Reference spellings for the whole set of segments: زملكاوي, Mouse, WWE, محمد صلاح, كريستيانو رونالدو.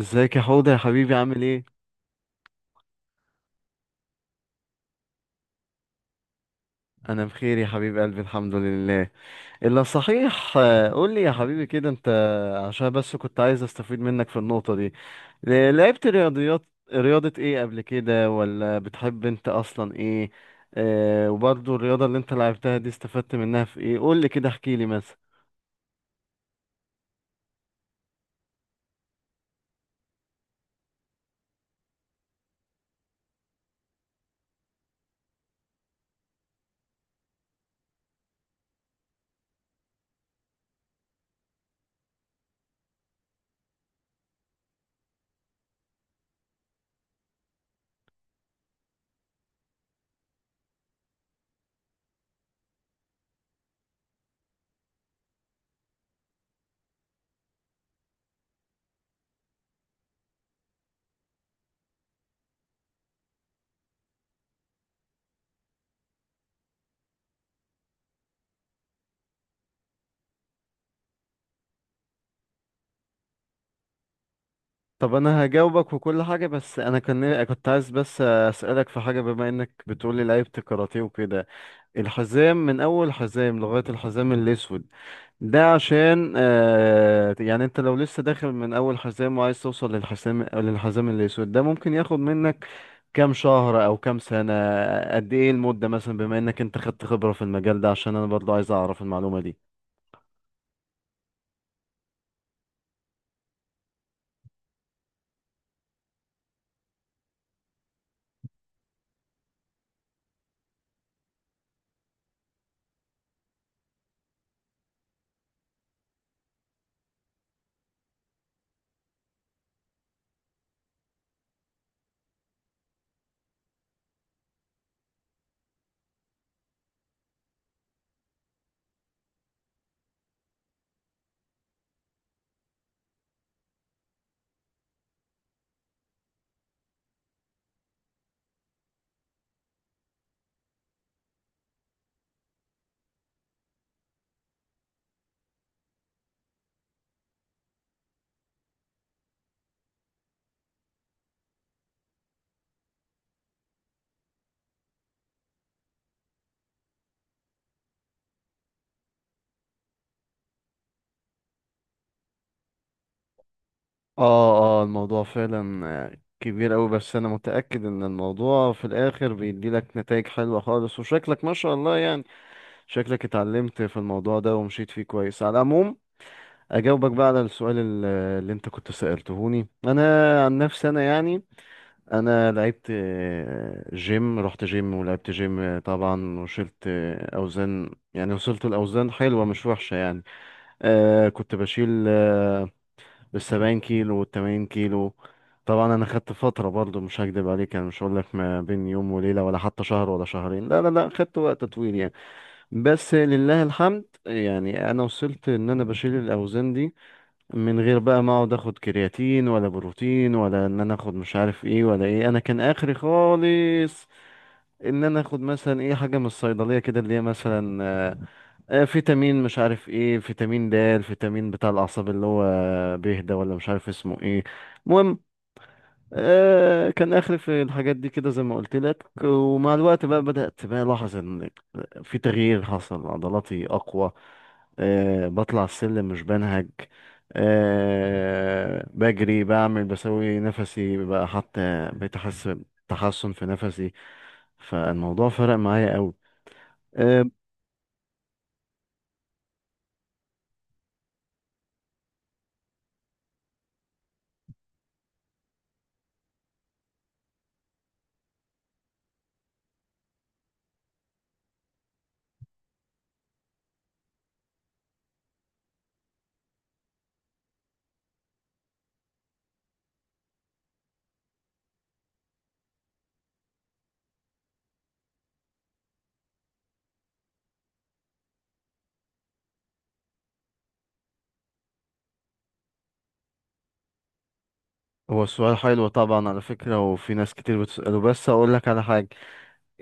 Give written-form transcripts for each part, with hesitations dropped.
ازيك يا حوض يا حبيبي؟ عامل ايه؟ انا بخير يا حبيب قلبي، الحمد لله. الا صحيح قول لي يا حبيبي كده انت، عشان بس كنت عايز استفيد منك في النقطة دي. لعبت رياضيات، رياضة ايه قبل كده؟ ولا بتحب انت اصلا ايه؟ آه، وبرضو الرياضة اللي انت لعبتها دي استفدت منها في ايه؟ قول لي كده، احكي لي مثلا. طب انا هجاوبك وكل حاجة، بس انا كان كنت عايز بس اسألك في حاجة، بما انك بتقولي لعبت كاراتيه وكده. الحزام من اول حزام لغاية الحزام الاسود، ده عشان يعني انت لو لسه داخل من اول حزام وعايز توصل للحزام الاسود ده، ممكن ياخد منك كام شهر او كام سنة؟ قد ايه المدة مثلا، بما انك انت خدت خبرة في المجال ده؟ عشان انا برضو عايز اعرف المعلومة دي. اه اه، الموضوع فعلا كبير أوي، بس انا متأكد ان الموضوع في الاخر بيدي لك نتائج حلوة خالص، وشكلك ما شاء الله يعني، شكلك اتعلمت في الموضوع ده ومشيت فيه كويس. على العموم، اجاوبك بقى على السؤال اللي انت كنت سألتهوني انا. عن نفسي انا يعني، انا لعبت جيم، رحت جيم ولعبت جيم. طبعا وشلت اوزان، يعني وصلت الاوزان حلوه مش وحشه يعني. آه، كنت بشيل 70 كيلو والتمانين كيلو. طبعا انا خدت فتره برضو، مش هكدب عليك يعني، مش هقول لك ما بين يوم وليله، ولا حتى شهر ولا شهرين، لا لا لا، خدت وقت طويل يعني. بس لله الحمد يعني، انا وصلت ان انا بشيل الاوزان دي، من غير بقى ما اقعد اخد كرياتين ولا بروتين، ولا ان انا اخد مش عارف ايه ولا ايه، انا كان اخري خالص ان انا اخد مثلا ايه حاجه من الصيدليه كده، اللي هي مثلا فيتامين مش عارف ايه، فيتامين د، الفيتامين بتاع الاعصاب اللي هو بيه ده، ولا مش عارف اسمه ايه. المهم، كان اخر في الحاجات دي كده زي ما قلت لك. ومع الوقت بقى بدأت بقى الاحظ ان في تغيير حصل، عضلاتي اقوى، أه بطلع السلم مش بنهج، أه بجري بعمل بسوي نفسي بقى، حتى بقيت احس تحسن في نفسي. فالموضوع فرق معايا قوي. أه. هو السؤال حلو طبعا على فكرة، وفي ناس كتير بتسأله، بس اقول لك على حاجة.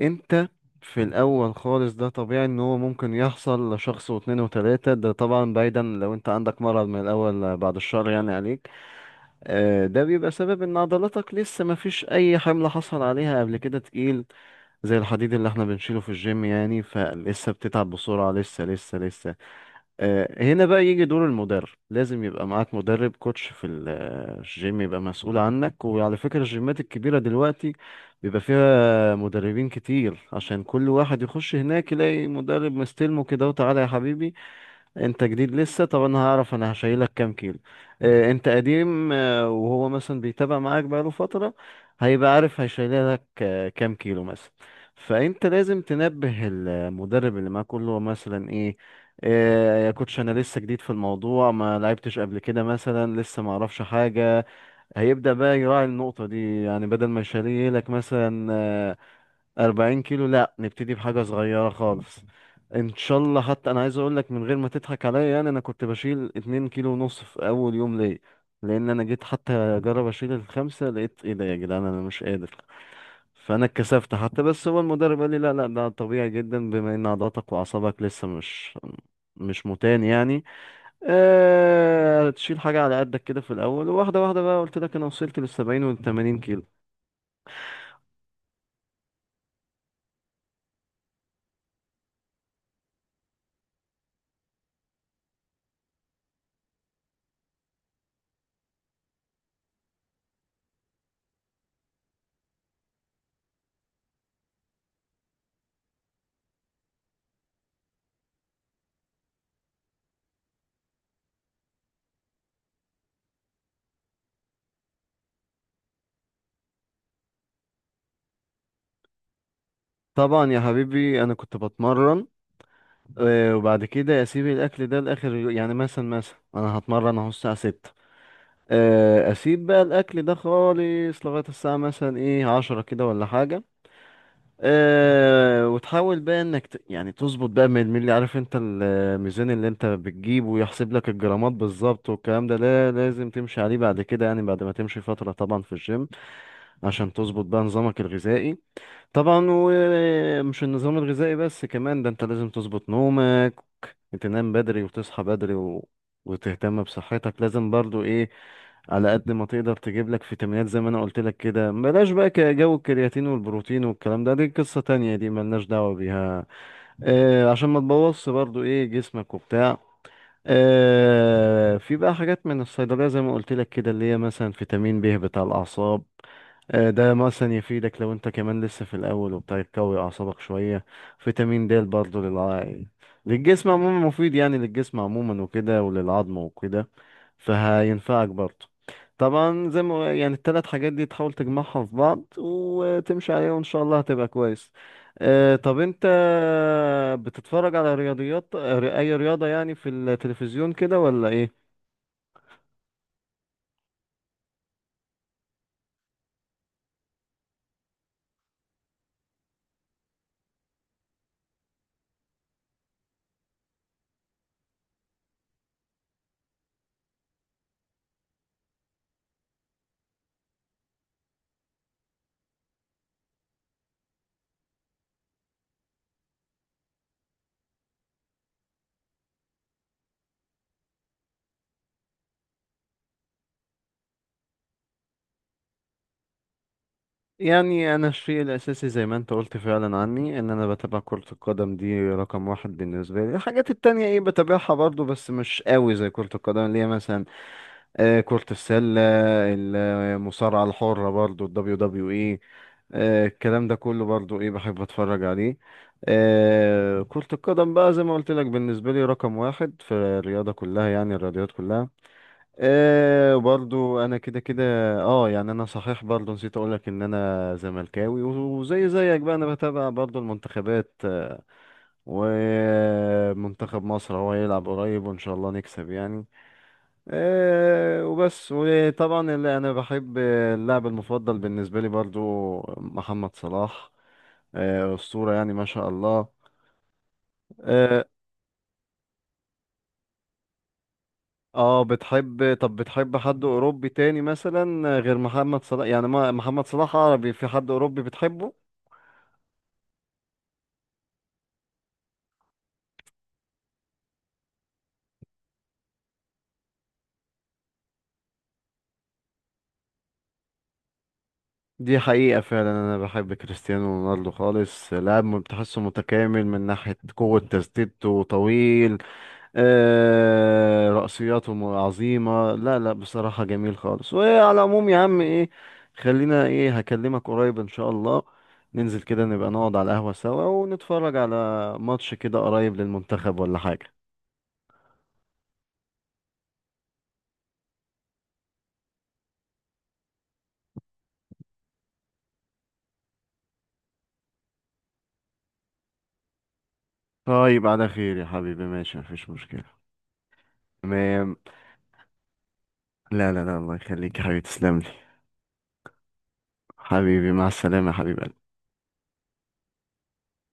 انت في الاول خالص ده طبيعي، ان هو ممكن يحصل لشخص واتنين وتلاتة. ده طبعا بعيدا لو انت عندك مرض من الاول، بعد الشر يعني عليك. ده بيبقى سبب ان عضلاتك لسه ما فيش اي حمل حصل عليها قبل كده تقيل، زي الحديد اللي احنا بنشيله في الجيم يعني، فلسه بتتعب بسرعة، لسه هنا بقى يجي دور المدرب، لازم يبقى معاك مدرب كوتش في الجيم، يبقى مسؤول عنك. وعلى فكرة الجيمات الكبيرة دلوقتي بيبقى فيها مدربين كتير، عشان كل واحد يخش هناك يلاقي مدرب مستلمه كده، وتعالى يا حبيبي انت جديد لسه، طب انا هعرف انا هشيلك كام كيلو. اه انت قديم اه، وهو مثلا بيتابع معاك بقاله فترة، هيبقى عارف هيشيلك اه كام كيلو مثلا. فانت لازم تنبه المدرب اللي معاك، قول له مثلا ايه، اه يا كوتش انا لسه جديد في الموضوع، ما لعبتش قبل كده مثلا، لسه ما اعرفش حاجة. هيبدأ بقى يراعي النقطة دي، يعني بدل ما يشيلك مثلا 40 كيلو، لا نبتدي بحاجة صغيرة خالص ان شاء الله. حتى انا عايز اقول لك من غير ما تضحك عليا يعني، انا كنت بشيل 2 كيلو ونص في اول يوم ليا. لان انا جيت حتى اجرب اشيل الخمسة، لقيت ايه ده يا جدعان، انا مش قادر. فانا اتكسفت حتى، بس هو المدرب قال لي لا لا ده طبيعي جدا، بما ان عضلاتك واعصابك لسه مش متان يعني. تشيل حاجة على قدك كده في الاول، وواحدة واحدة بقى، قلت لك انا وصلت لـ70 و80 كيلو. طبعا يا حبيبي انا كنت بتمرن، وبعد كده اسيب الاكل ده لاخر يعني مثلا انا هتمرن اهو الساعه 6. اسيب بقى الاكل ده خالص لغايه الساعه مثلا ايه 10 كده ولا حاجه. أه، وتحاول بقى انك يعني تظبط بقى من الملي، عارف انت الميزان اللي انت بتجيبه ويحسب لك الجرامات بالظبط، والكلام ده لا، لازم تمشي عليه بعد كده، يعني بعد ما تمشي فترة طبعا في الجيم، عشان تظبط بقى نظامك الغذائي. طبعا ومش النظام الغذائي بس، كمان ده انت لازم تظبط نومك، تنام بدري وتصحى بدري، و... وتهتم بصحتك لازم برضو ايه، على قد ما تقدر تجيب لك فيتامينات زي ما انا قلت لك كده. بلاش بقى جو الكرياتين والبروتين والكلام ده، دي قصة تانية دي، ملناش دعوة بيها، آه، عشان ما تبوظش برضو ايه جسمك وبتاع. آه، في بقى حاجات من الصيدلية زي ما قلت لك كده، اللي هي مثلا فيتامين ب بتاع الأعصاب، ده مثلا يفيدك لو انت كمان لسه في الاول وبتاع، يقوي اعصابك شويه. فيتامين د برضه للجسم عموما مفيد يعني، للجسم عموما وكده، وللعظم وكده، فهينفعك برضه. طبعا زي ما يعني الـ3 حاجات دي تحاول تجمعها في بعض وتمشي عليها، وان شاء الله هتبقى كويس. طب انت بتتفرج على رياضيات اي رياضه يعني في التلفزيون كده ولا ايه؟ يعني انا الشيء الاساسي زي ما انت قلت فعلا عني، ان انا بتابع كرة القدم، دي رقم واحد بالنسبة لي. الحاجات التانية ايه بتابعها برضو بس مش قوي زي كرة القدم، اللي هي مثلا كرة السلة، المصارعة الحرة برضو ال WWE. الكلام ده كله برضو ايه بحب اتفرج عليه. كرة القدم بقى زي ما قلت لك بالنسبة لي رقم واحد في الرياضة كلها، يعني الرياضيات كلها. آه برضو انا كده كده. اه يعني انا صحيح برضو نسيت اقولك ان انا زملكاوي، وزي زيك بقى انا بتابع برضو المنتخبات، ومنتخب مصر هو هيلعب قريب وان شاء الله نكسب يعني. آه وبس. وطبعا اللي انا بحب اللاعب المفضل بالنسبة لي برضو محمد صلاح. آه، أسطورة يعني ما شاء الله. آه، اه بتحب، طب بتحب حد اوروبي تاني مثلا غير محمد صلاح؟ يعني ما محمد صلاح عربي، في حد اوروبي بتحبه؟ دي حقيقة فعلا انا بحب كريستيانو رونالدو خالص، لاعب بتحسه متكامل، من ناحية قوة تسديدته، طويل، آه رأسياته عظيمة. لا لا بصراحة جميل خالص. وعلى العموم يا عم ايه، خلينا ايه، هكلمك قريب ان شاء الله، ننزل كده نبقى نقعد على القهوة سوا، ونتفرج على ماتش كده قريب للمنتخب ولا حاجة. طيب على خير يا حبيبي، ماشي مفيش مشكلة. تمام. لا لا لا، الله يخليك يا حبيبي، تسلم لي. حبيبي مع السلامة يا حبيبي.